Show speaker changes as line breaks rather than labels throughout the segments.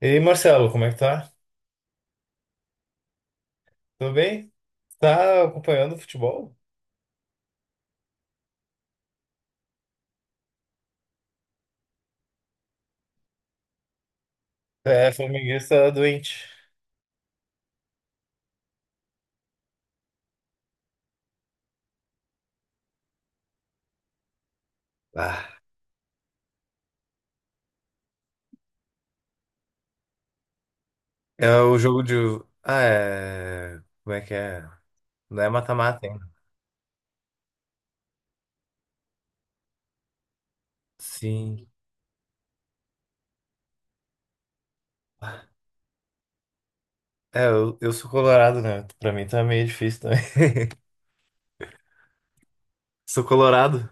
E aí, Marcelo, como é que tá? Tudo bem? Tá acompanhando o futebol? É, flamenguista doente. Ah, é o jogo de. Ah, é. Como é que é? Não é mata-mata ainda. Sim. É, eu sou colorado, né? Pra mim tá meio difícil também. Sou colorado.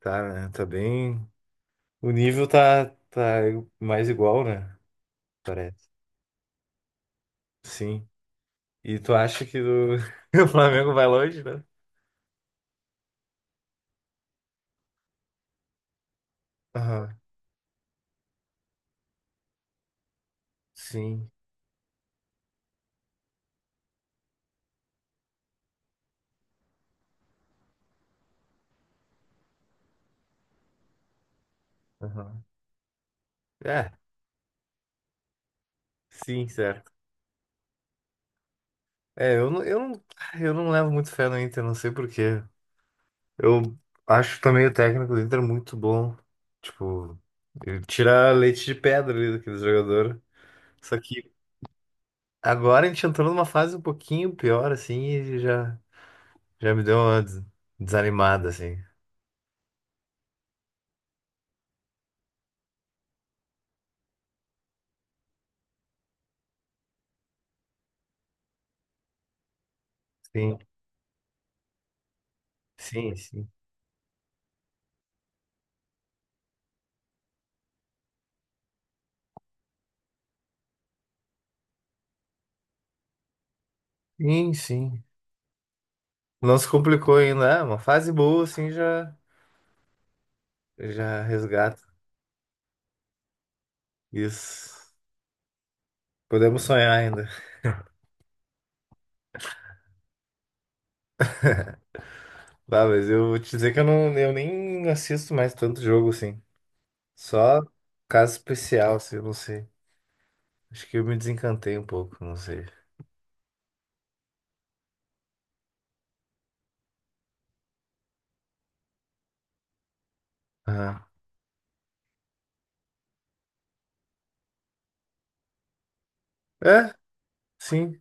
Tá, né? Tá bem. O nível tá mais igual, né? Parece. Sim. E tu acha que o, o Flamengo vai longe, né? Aham. Sim. Aham. É, sim, certo. É, eu não eu não levo muito fé no Inter, não sei por quê. Eu acho também o técnico do Inter muito bom. Tipo, ele tira leite de pedra ali daquele jogador. Só que agora a gente entrou numa fase um pouquinho pior, assim, e já me deu uma desanimada, assim. Sim, sim, sim. Sim, sim. Não se complicou ainda. É, uma fase boa, assim, já resgata. Isso. Podemos sonhar ainda. Tá, mas eu vou te dizer que eu nem assisto mais tanto jogo assim. Só caso especial, assim, eu não sei. Acho que eu me desencantei um pouco, não sei. Ah, é, sim,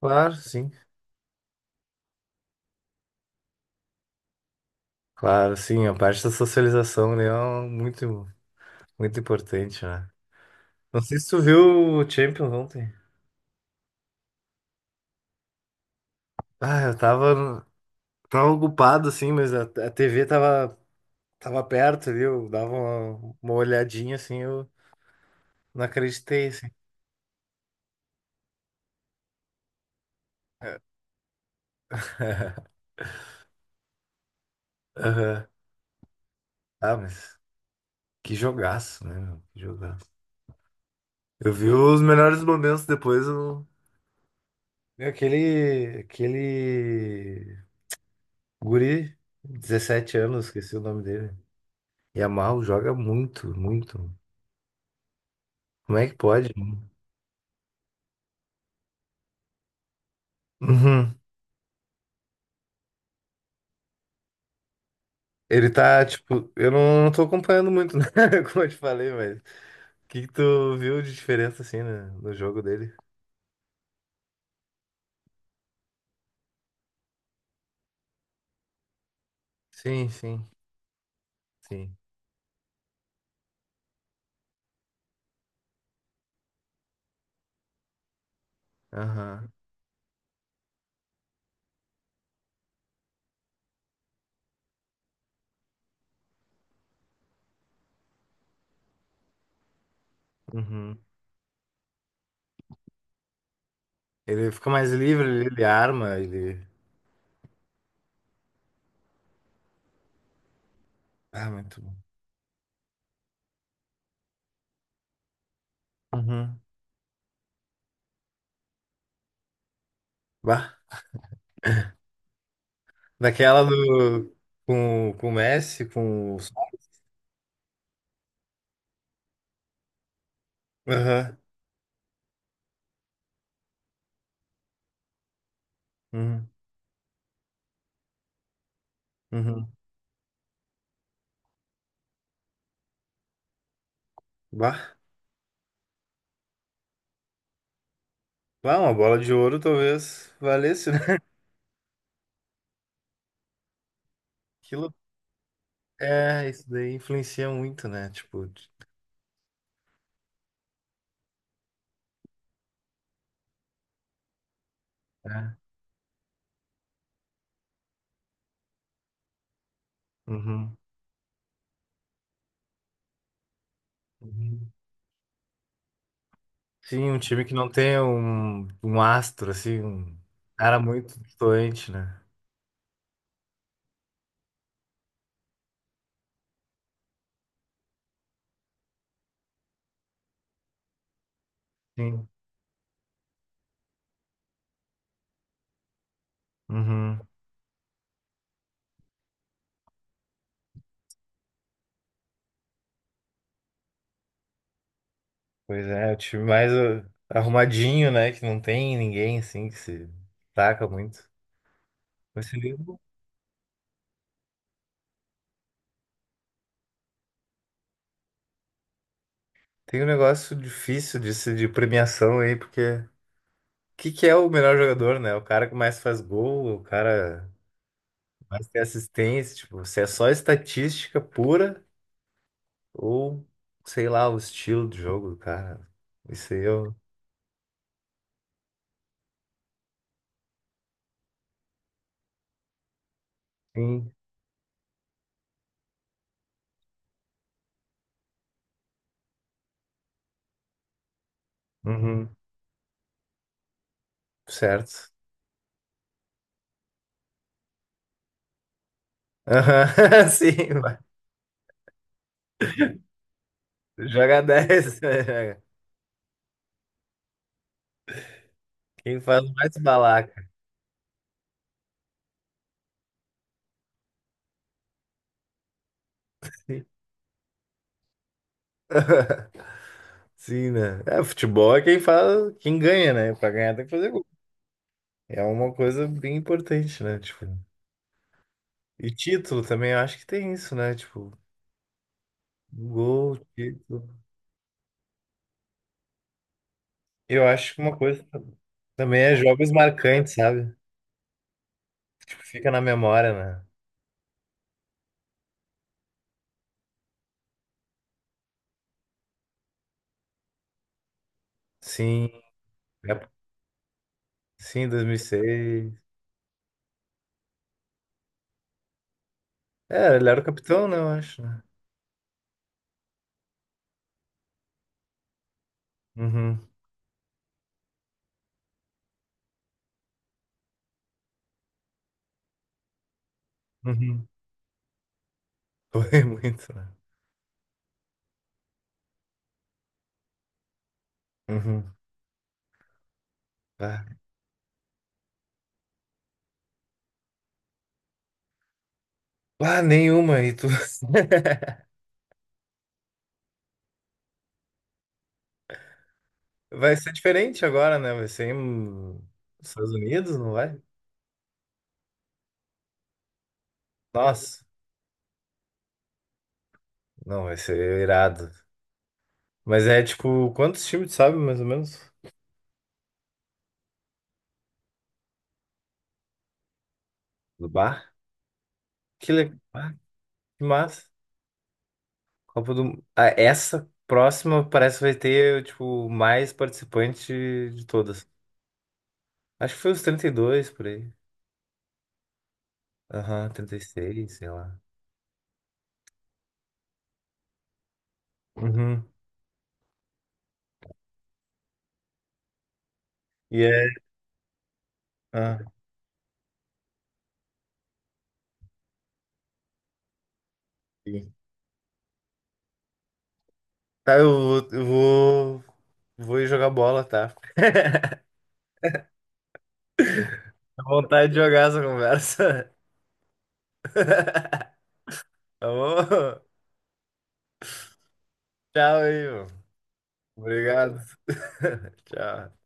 claro, sim. Claro, sim, a parte da socialização, né, é muito, muito importante, né? Não sei se tu viu o Champions ontem. Ah, tava ocupado, assim, mas a TV tava perto ali, eu dava uma olhadinha, assim, eu não acreditei, assim. Aham. Ah, mas... Que jogaço, né, meu? Que jogaço. Eu vi os melhores momentos depois. Eu... E aquele guri, 17 anos, esqueci o nome dele. Yamal joga muito, muito. Como é que pode? Uhum. Ele tá, tipo, eu não, não tô acompanhando muito, né? Como eu te falei, mas. O que que tu viu de diferença, assim, né? No jogo dele? Sim, sim, sim. Aham. Uhum. Ele fica mais livre, ele arma, ele. Ah, muito bom. Uhum. Bah, daquela do. Com o Messi, com o. Aham. Uhum. Uhum. Bah. Bah, uma bola de ouro talvez valesse, né? Aquilo. É, isso daí influencia muito, né? Tipo. É. Uhum. Uhum. Sim, um time que não tem um astro, assim, um cara muito doente, né? Sim. Uhum. Pois é, o time mais arrumadinho, né? Que não tem ninguém, assim, que se destaca muito. Vai ser lindo. Tem um negócio difícil de, de premiação aí, porque o que, que é o melhor jogador, né? O cara que mais faz gol, o cara que mais tem assistência, tipo, se é só estatística pura ou, sei lá, o estilo de jogo do cara. Isso aí eu. Sim. Uhum. Certo. Aham, sim, vai. Joga 10 né? Joga. Quem faz mais balaca. Sim, sim, né? É, futebol é quem faz, quem ganha, né? Pra ganhar tem que fazer gol. É uma coisa bem importante, né? Tipo. E título também, eu acho que tem isso, né? Tipo, gol, título. Eu acho que uma coisa também é jogos marcantes, sabe? Tipo, fica na memória, né? Sim, é- sim, 2006. É, ele era o capitão, né? Eu acho, né? Uhum, uhum. Foi muito, né? Uhum. Ah, ah, nenhuma. E tu... Vai ser diferente agora, né? Vai ser em Estados Unidos, não vai? Nossa, não, vai ser irado. Mas é tipo, quantos times tu sabe, mais ou menos? Do bar? Que legal. Ah, que massa. Copa do... Ah, essa próxima parece que vai ter, tipo, mais participante de todas. Acho que foi os 32 por aí. Aham, 36 sei lá. Uhum. E é. Ah, sim. Tá, vou ir jogar bola, tá? Dá vontade de jogar essa conversa. Tá bom? Tchau aí, mano. Obrigado. Tchau.